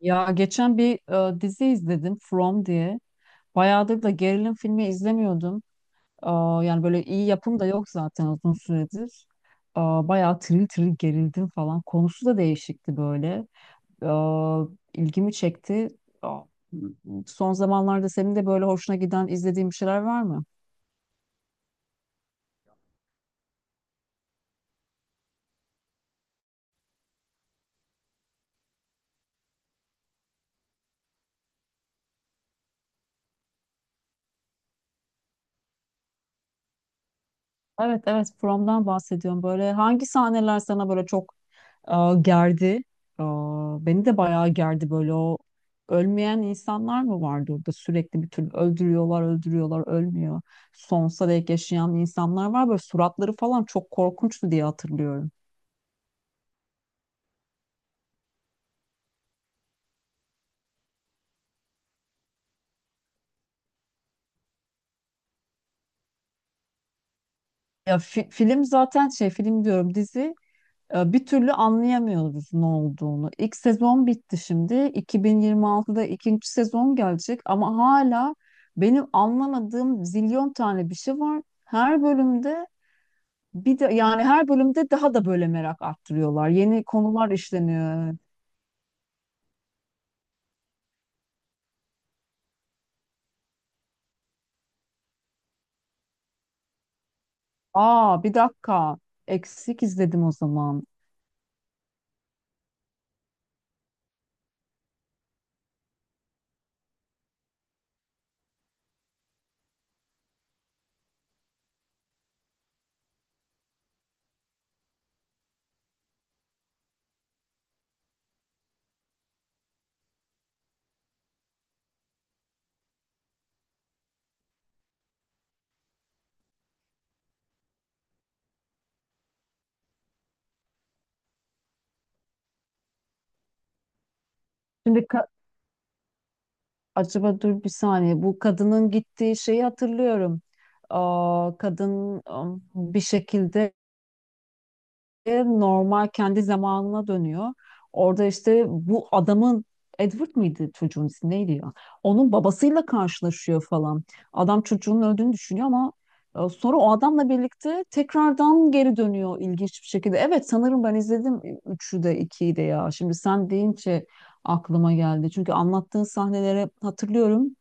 Ya geçen bir dizi izledim, From diye. Bayağıdır da gerilim filmi izlemiyordum. Yani böyle iyi yapım da yok zaten uzun süredir. Bayağı tril tril gerildim falan. Konusu da değişikti böyle. Aa, ilgimi çekti. Aa, Son zamanlarda senin de böyle hoşuna giden izlediğin bir şeyler var mı? Evet, evet, From'dan bahsediyorum. Böyle hangi sahneler sana böyle çok gerdi. Beni de bayağı gerdi böyle. O ölmeyen insanlar mı vardı orada sürekli? Bir türlü öldürüyorlar, öldürüyorlar, ölmüyor. Sonsuza dek yaşayan insanlar var böyle, suratları falan çok korkunçtu diye hatırlıyorum. Film, zaten şey, film diyorum, dizi bir türlü anlayamıyoruz ne olduğunu. İlk sezon bitti, şimdi 2026'da ikinci sezon gelecek ama hala benim anlamadığım zilyon tane bir şey var. Her bölümde bir de yani her bölümde daha da böyle merak arttırıyorlar. Yeni konular işleniyor. Aa, bir dakika. Eksik izledim o zaman. Şimdi ka- Acaba, dur bir saniye. Bu kadının gittiği şeyi hatırlıyorum. Kadın bir şekilde normal kendi zamanına dönüyor. Orada işte bu adamın, Edward mıydı çocuğun ismi, neydi ya? Onun babasıyla karşılaşıyor falan. Adam çocuğun öldüğünü düşünüyor ama sonra o adamla birlikte tekrardan geri dönüyor ilginç bir şekilde. Evet, sanırım ben izledim, üçü de 2'yi de ya. Şimdi sen deyince aklıma geldi. Çünkü anlattığın sahneleri hatırlıyorum.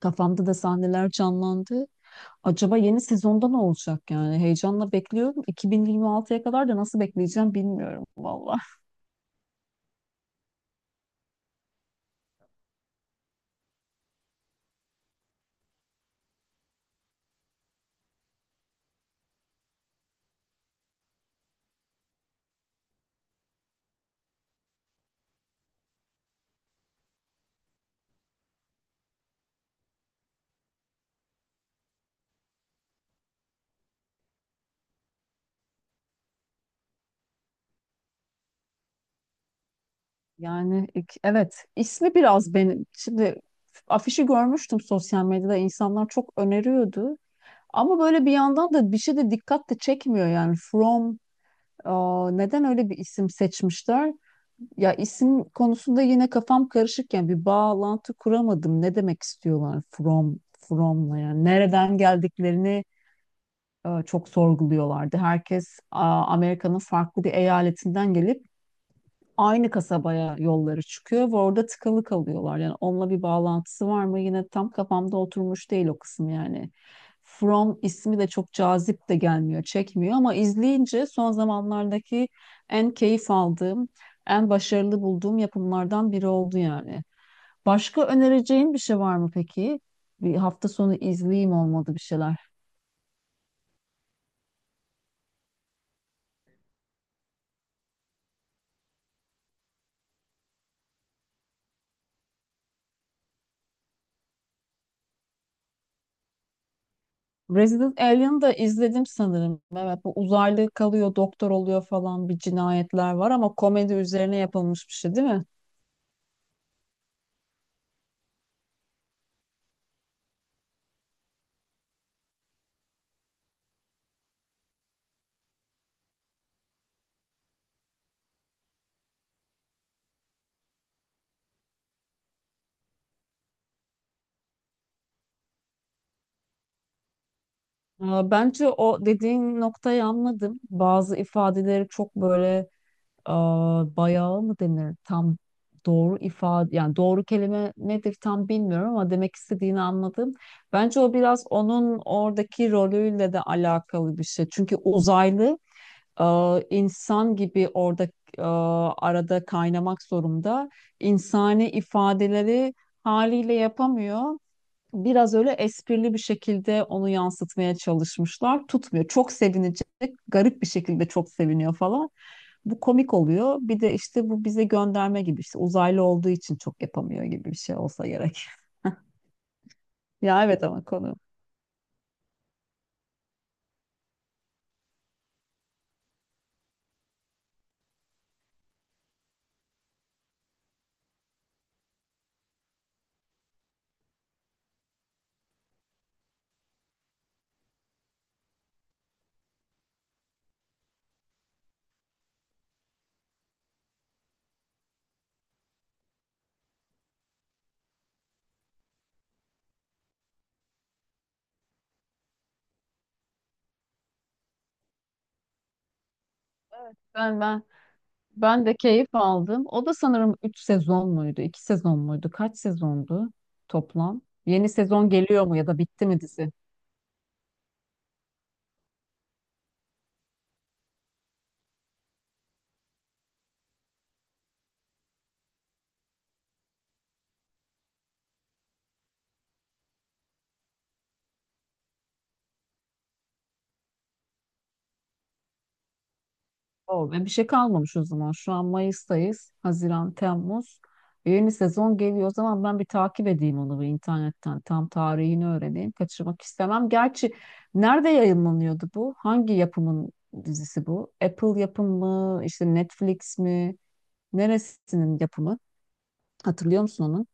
Kafamda da sahneler canlandı. Acaba yeni sezonda ne olacak yani? Heyecanla bekliyorum. 2026'ya kadar da nasıl bekleyeceğim bilmiyorum valla. Evet, ismi biraz benim. Şimdi afişi görmüştüm, sosyal medyada insanlar çok öneriyordu. Ama böyle bir yandan da bir şey de dikkat de çekmiyor yani. From, neden öyle bir isim seçmişler? Ya isim konusunda yine kafam karışırken bir bağlantı kuramadım. Ne demek istiyorlar from from'la, yani nereden geldiklerini çok sorguluyorlardı. Herkes Amerika'nın farklı bir eyaletinden gelip aynı kasabaya yolları çıkıyor ve orada tıkalı kalıyorlar. Yani onunla bir bağlantısı var mı? Yine tam kafamda oturmuş değil o kısım yani. From ismi de çok cazip de gelmiyor, çekmiyor ama izleyince son zamanlardaki en keyif aldığım, en başarılı bulduğum yapımlardan biri oldu yani. Başka önereceğin bir şey var mı peki? Bir hafta sonu izleyeyim, olmadı, bir şeyler. Resident Alien'ı da izledim sanırım. Evet, bu uzaylı kalıyor, doktor oluyor falan, bir cinayetler var ama komedi üzerine yapılmış bir şey değil mi? Bence o dediğin noktayı anladım. Bazı ifadeleri çok böyle, bayağı mı denir? Tam doğru ifade, yani doğru kelime nedir tam bilmiyorum ama demek istediğini anladım. Bence o biraz onun oradaki rolüyle de alakalı bir şey. Çünkü uzaylı e, insan gibi orada e, arada kaynamak zorunda. İnsani ifadeleri haliyle yapamıyor. Biraz öyle esprili bir şekilde onu yansıtmaya çalışmışlar. Tutmuyor. Çok sevinecek, garip bir şekilde çok seviniyor falan. Bu komik oluyor. Bir de işte bu bize gönderme gibi, işte uzaylı olduğu için çok yapamıyor gibi bir şey olsa gerek. Ya evet, ama konu Evet, ben ben de keyif aldım. O da sanırım 3 sezon muydu, 2 sezon muydu? Kaç sezondu toplam? Yeni sezon geliyor mu ya da bitti mi dizi? O, ve bir şey kalmamış o zaman. Şu an Mayıs'tayız. Haziran, Temmuz. Yeni sezon geliyor. O zaman ben bir takip edeyim onu bir internetten. Tam tarihini öğreneyim. Kaçırmak istemem. Gerçi nerede yayınlanıyordu bu? Hangi yapımın dizisi bu? Apple yapımı mı? İşte Netflix mi? Neresinin yapımı? Hatırlıyor musun onu?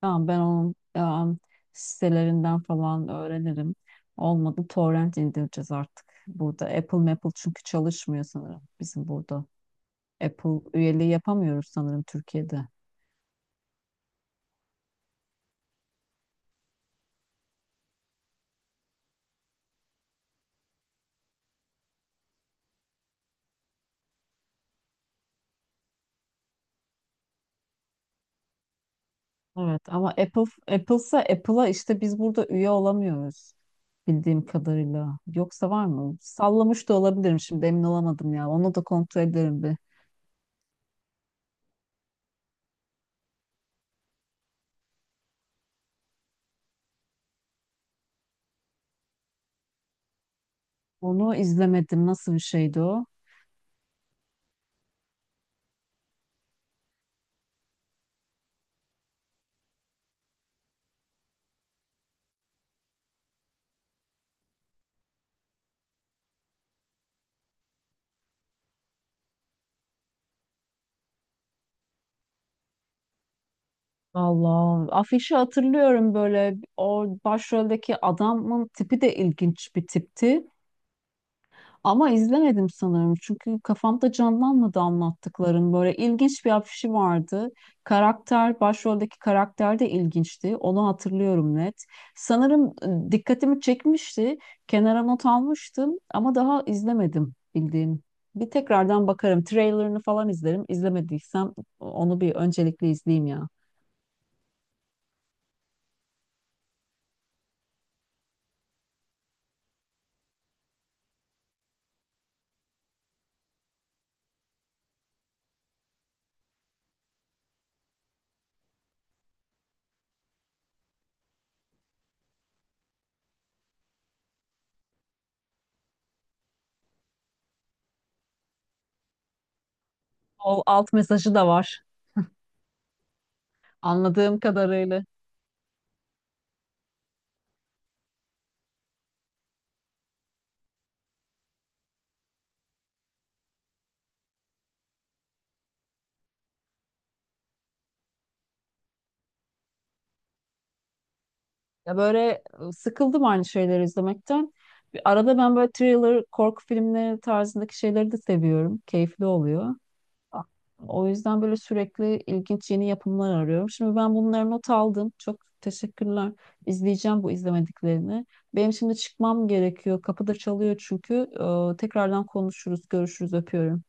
Tamam, ben onun sitelerinden falan öğrenirim. Olmadı, torrent indireceğiz artık. Burada Apple Maple çünkü çalışmıyor sanırım bizim burada. Apple üyeliği yapamıyoruz sanırım Türkiye'de. Evet ama Apple, Apple'sa Apple'a işte biz burada üye olamıyoruz bildiğim kadarıyla. Yoksa var mı? Sallamış da olabilirim, şimdi emin olamadım ya. Onu da kontrol ederim bir. Onu izlemedim. Nasıl bir şeydi o? Allah. Afişi hatırlıyorum böyle. O başroldeki adamın tipi de ilginç bir tipti. Ama izlemedim sanırım. Çünkü kafamda canlanmadı anlattıkların. Böyle ilginç bir afişi vardı. Karakter, başroldeki karakter de ilginçti. Onu hatırlıyorum net. Sanırım dikkatimi çekmişti. Kenara not almıştım ama daha izlemedim bildiğim. Bir tekrardan bakarım. Trailerını falan izlerim. İzlemediysem onu bir öncelikle izleyeyim ya. O alt mesajı da var. Anladığım kadarıyla. Ya böyle sıkıldım aynı şeyleri izlemekten. Bir arada ben böyle thriller, korku filmleri tarzındaki şeyleri de seviyorum. Keyifli oluyor. A- O yüzden böyle sürekli ilginç yeni yapımlar arıyorum. Şimdi ben bunları not aldım. Çok teşekkürler. İzleyeceğim bu izlemediklerini. Benim şimdi çıkmam gerekiyor. Kapıda çalıyor çünkü. Tekrardan konuşuruz, görüşürüz, öpüyorum.